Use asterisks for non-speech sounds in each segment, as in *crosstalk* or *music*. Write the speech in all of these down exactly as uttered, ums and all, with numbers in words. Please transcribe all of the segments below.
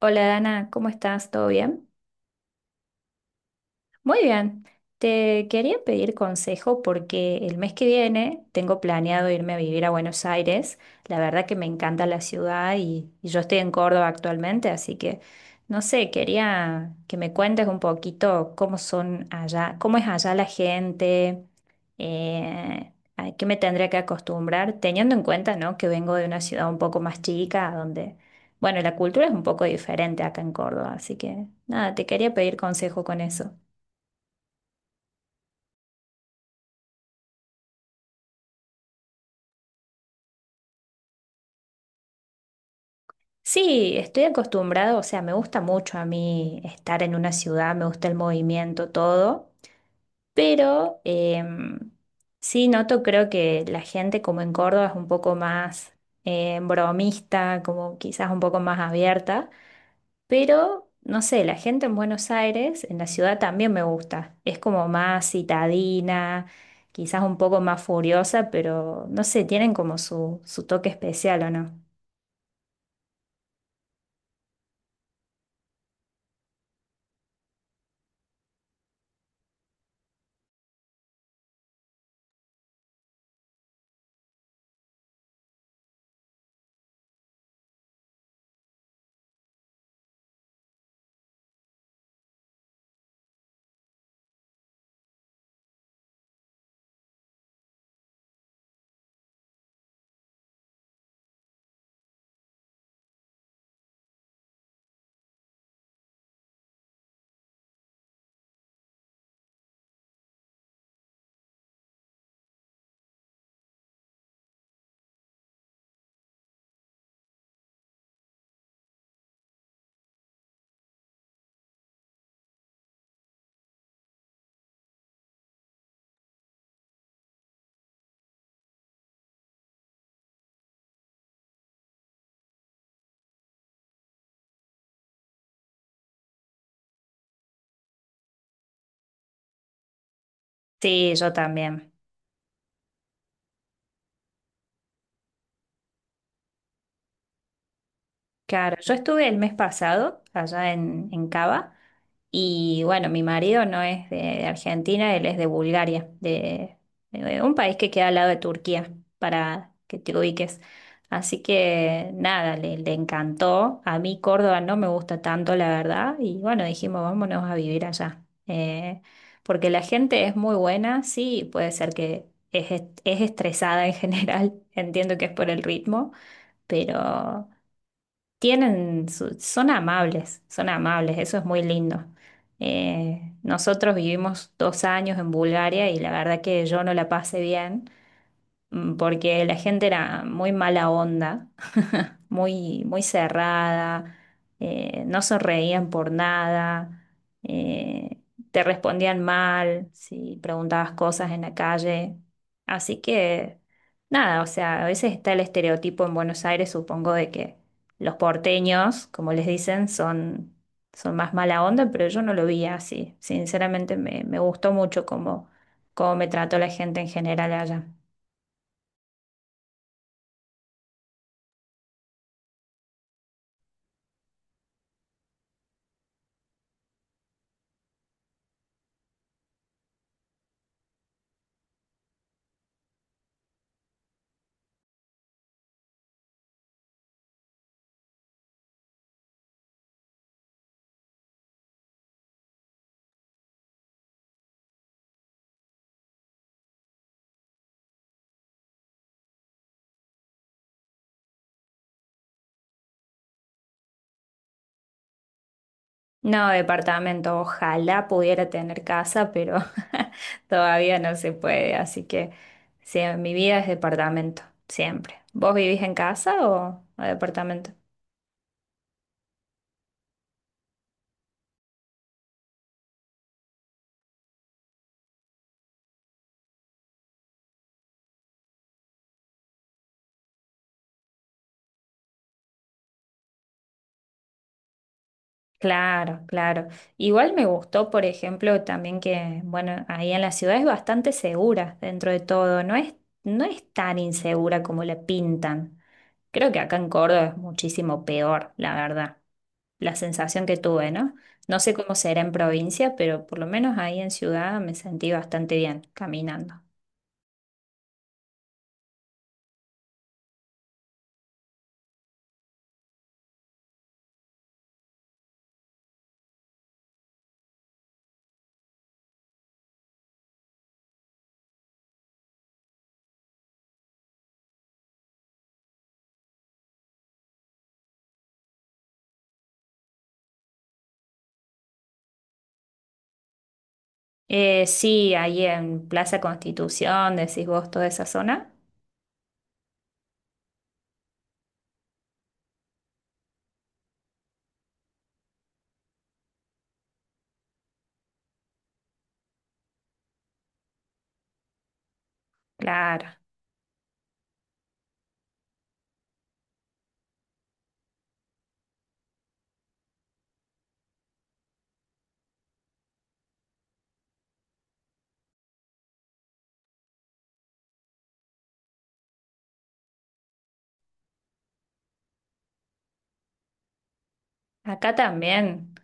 Hola Dana, ¿cómo estás? ¿Todo bien? Muy bien, te quería pedir consejo porque el mes que viene tengo planeado irme a vivir a Buenos Aires. La verdad que me encanta la ciudad y, y yo estoy en Córdoba actualmente, así que no sé, quería que me cuentes un poquito cómo son allá, cómo es allá la gente, eh, a qué me tendría que acostumbrar, teniendo en cuenta, ¿no? que vengo de una ciudad un poco más chica, donde, bueno, la cultura es un poco diferente acá en Córdoba, así que nada, te quería pedir consejo con eso. Sí, estoy acostumbrado, o sea, me gusta mucho a mí estar en una ciudad, me gusta el movimiento, todo, pero em, sí noto, creo que la gente como en Córdoba es un poco más eh, bromista, como quizás un poco más abierta, pero no sé, la gente en Buenos Aires, en la ciudad también me gusta, es como más citadina, quizás un poco más furiosa, pero no sé, tienen como su, su toque especial, ¿o no? Sí, yo también. Claro, yo estuve el mes pasado allá en, en Cava y bueno, mi marido no es de, de Argentina, él es de Bulgaria, de, de un país que queda al lado de Turquía, para que te ubiques. Así que nada, le, le encantó. A mí Córdoba no me gusta tanto, la verdad, y bueno, dijimos, vámonos a vivir allá. Eh, porque la gente es muy buena, sí, puede ser que es, est- es estresada en general, *laughs* entiendo que es por el ritmo, pero... Tienen su- son amables, son amables, eso es muy lindo. Eh, nosotros vivimos dos años en Bulgaria y la verdad que yo no la pasé bien mm, porque la gente era muy mala onda, muy, muy cerrada, eh, no sonreían por nada, eh, te respondían mal si preguntabas cosas en la calle. Así que, nada, o sea, a veces está el estereotipo en Buenos Aires, supongo, de que los porteños, como les dicen, son, son más mala onda, pero yo no lo vi así. Sinceramente, me, me gustó mucho cómo, cómo me trató la gente en general allá. No, departamento. Ojalá pudiera tener casa, pero *laughs* todavía no se puede. Así que sí, mi vida es departamento, siempre. ¿Vos vivís en casa o, o departamento? Claro, claro. Igual me gustó, por ejemplo, también que, bueno, ahí en la ciudad es bastante segura dentro de todo. No es, no es tan insegura como la pintan. Creo que acá en Córdoba es muchísimo peor, la verdad. La sensación que tuve, ¿no? No sé cómo será en provincia, pero por lo menos ahí en ciudad me sentí bastante bien caminando. Eh, sí, ahí en Plaza Constitución, decís vos, toda esa zona. Claro, acá también.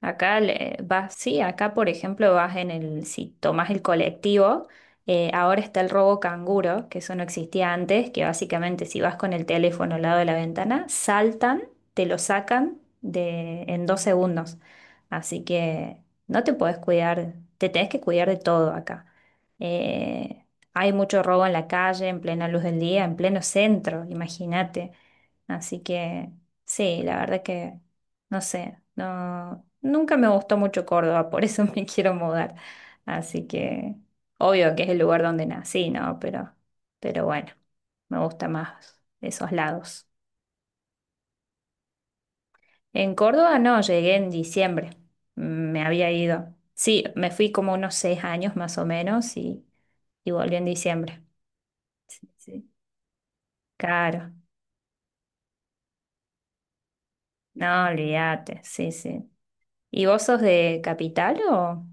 Acá le- vas, sí, acá por ejemplo vas en el, si tomas el colectivo, eh, ahora está el robo canguro, que eso no existía antes, que básicamente si vas con el teléfono al lado de la ventana, saltan, te lo sacan de, en dos segundos. Así que no te podés cuidar, te tenés que cuidar de todo acá. Eh, Hay mucho robo en la calle, en plena luz del día, en pleno centro, imagínate. Así que sí, la verdad que no sé, no, nunca me gustó mucho Córdoba, por eso *laughs* me quiero mudar. Así que obvio que es el lugar donde nací, ¿no? Pero, pero bueno, me gusta más esos lados. En Córdoba no, llegué en diciembre, me había ido. Sí, me fui como unos seis años más o menos y, y volví en diciembre. Sí, sí. Claro, no, olvídate, sí, sí. ¿Y vos sos de capital o...?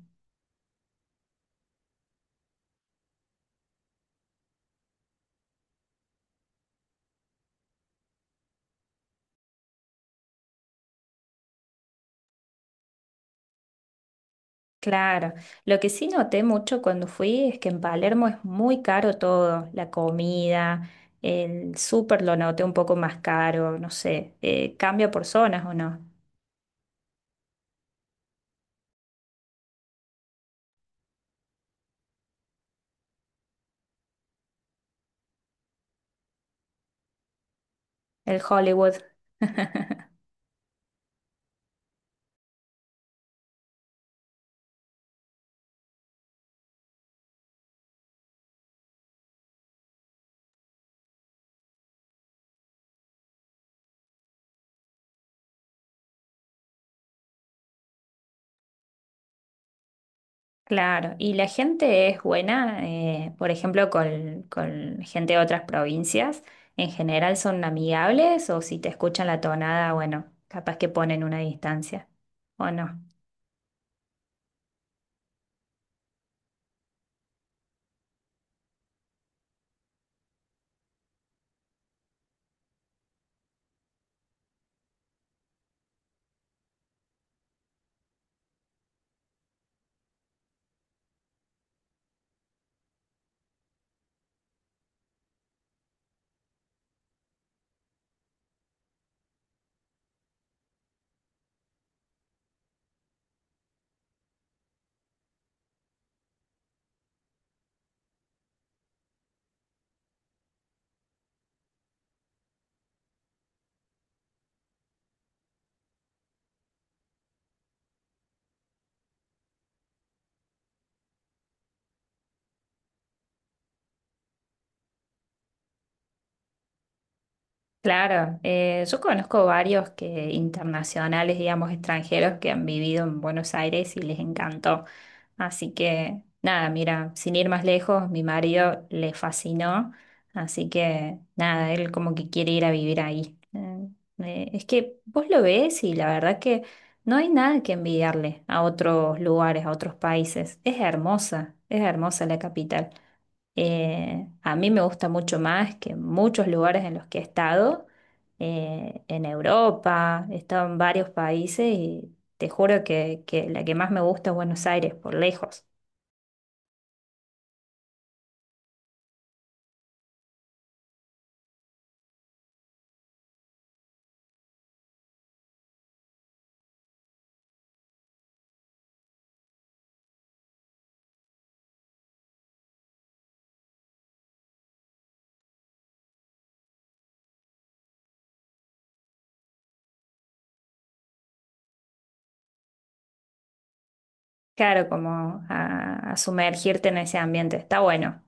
Claro, lo que sí noté mucho cuando fui es que en Palermo es muy caro todo, la comida, el súper lo noté un poco más caro, no sé, eh, cambia por zonas o no, el Hollywood. *laughs* Claro, y la gente es buena, eh, por ejemplo, con, con gente de otras provincias, en general son amigables o si te escuchan la tonada, bueno, capaz que ponen una distancia, ¿o no? Claro, eh, yo conozco varios que internacionales, digamos, extranjeros que han vivido en Buenos Aires y les encantó. Así que nada, mira, sin ir más lejos, mi marido le fascinó, así que nada, él como que quiere ir a vivir ahí. Eh, eh, es que vos lo ves y la verdad que no hay nada que envidiarle a otros lugares, a otros países. Es hermosa, es hermosa la capital. Eh, a mí me gusta mucho más que muchos lugares en los que he estado, eh, en Europa, he estado en varios países y te juro que, que la que más me gusta es Buenos Aires, por lejos. Claro, como a, a sumergirte en ese ambiente, está bueno.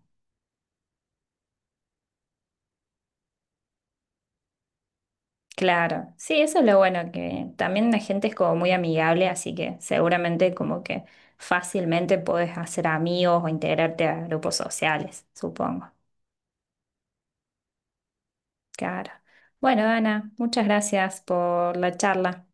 Claro, sí, eso es lo bueno, que también la gente es como muy amigable, así que seguramente como que fácilmente podés hacer amigos o integrarte a grupos sociales, supongo. Claro. Bueno, Ana, muchas gracias por la charla.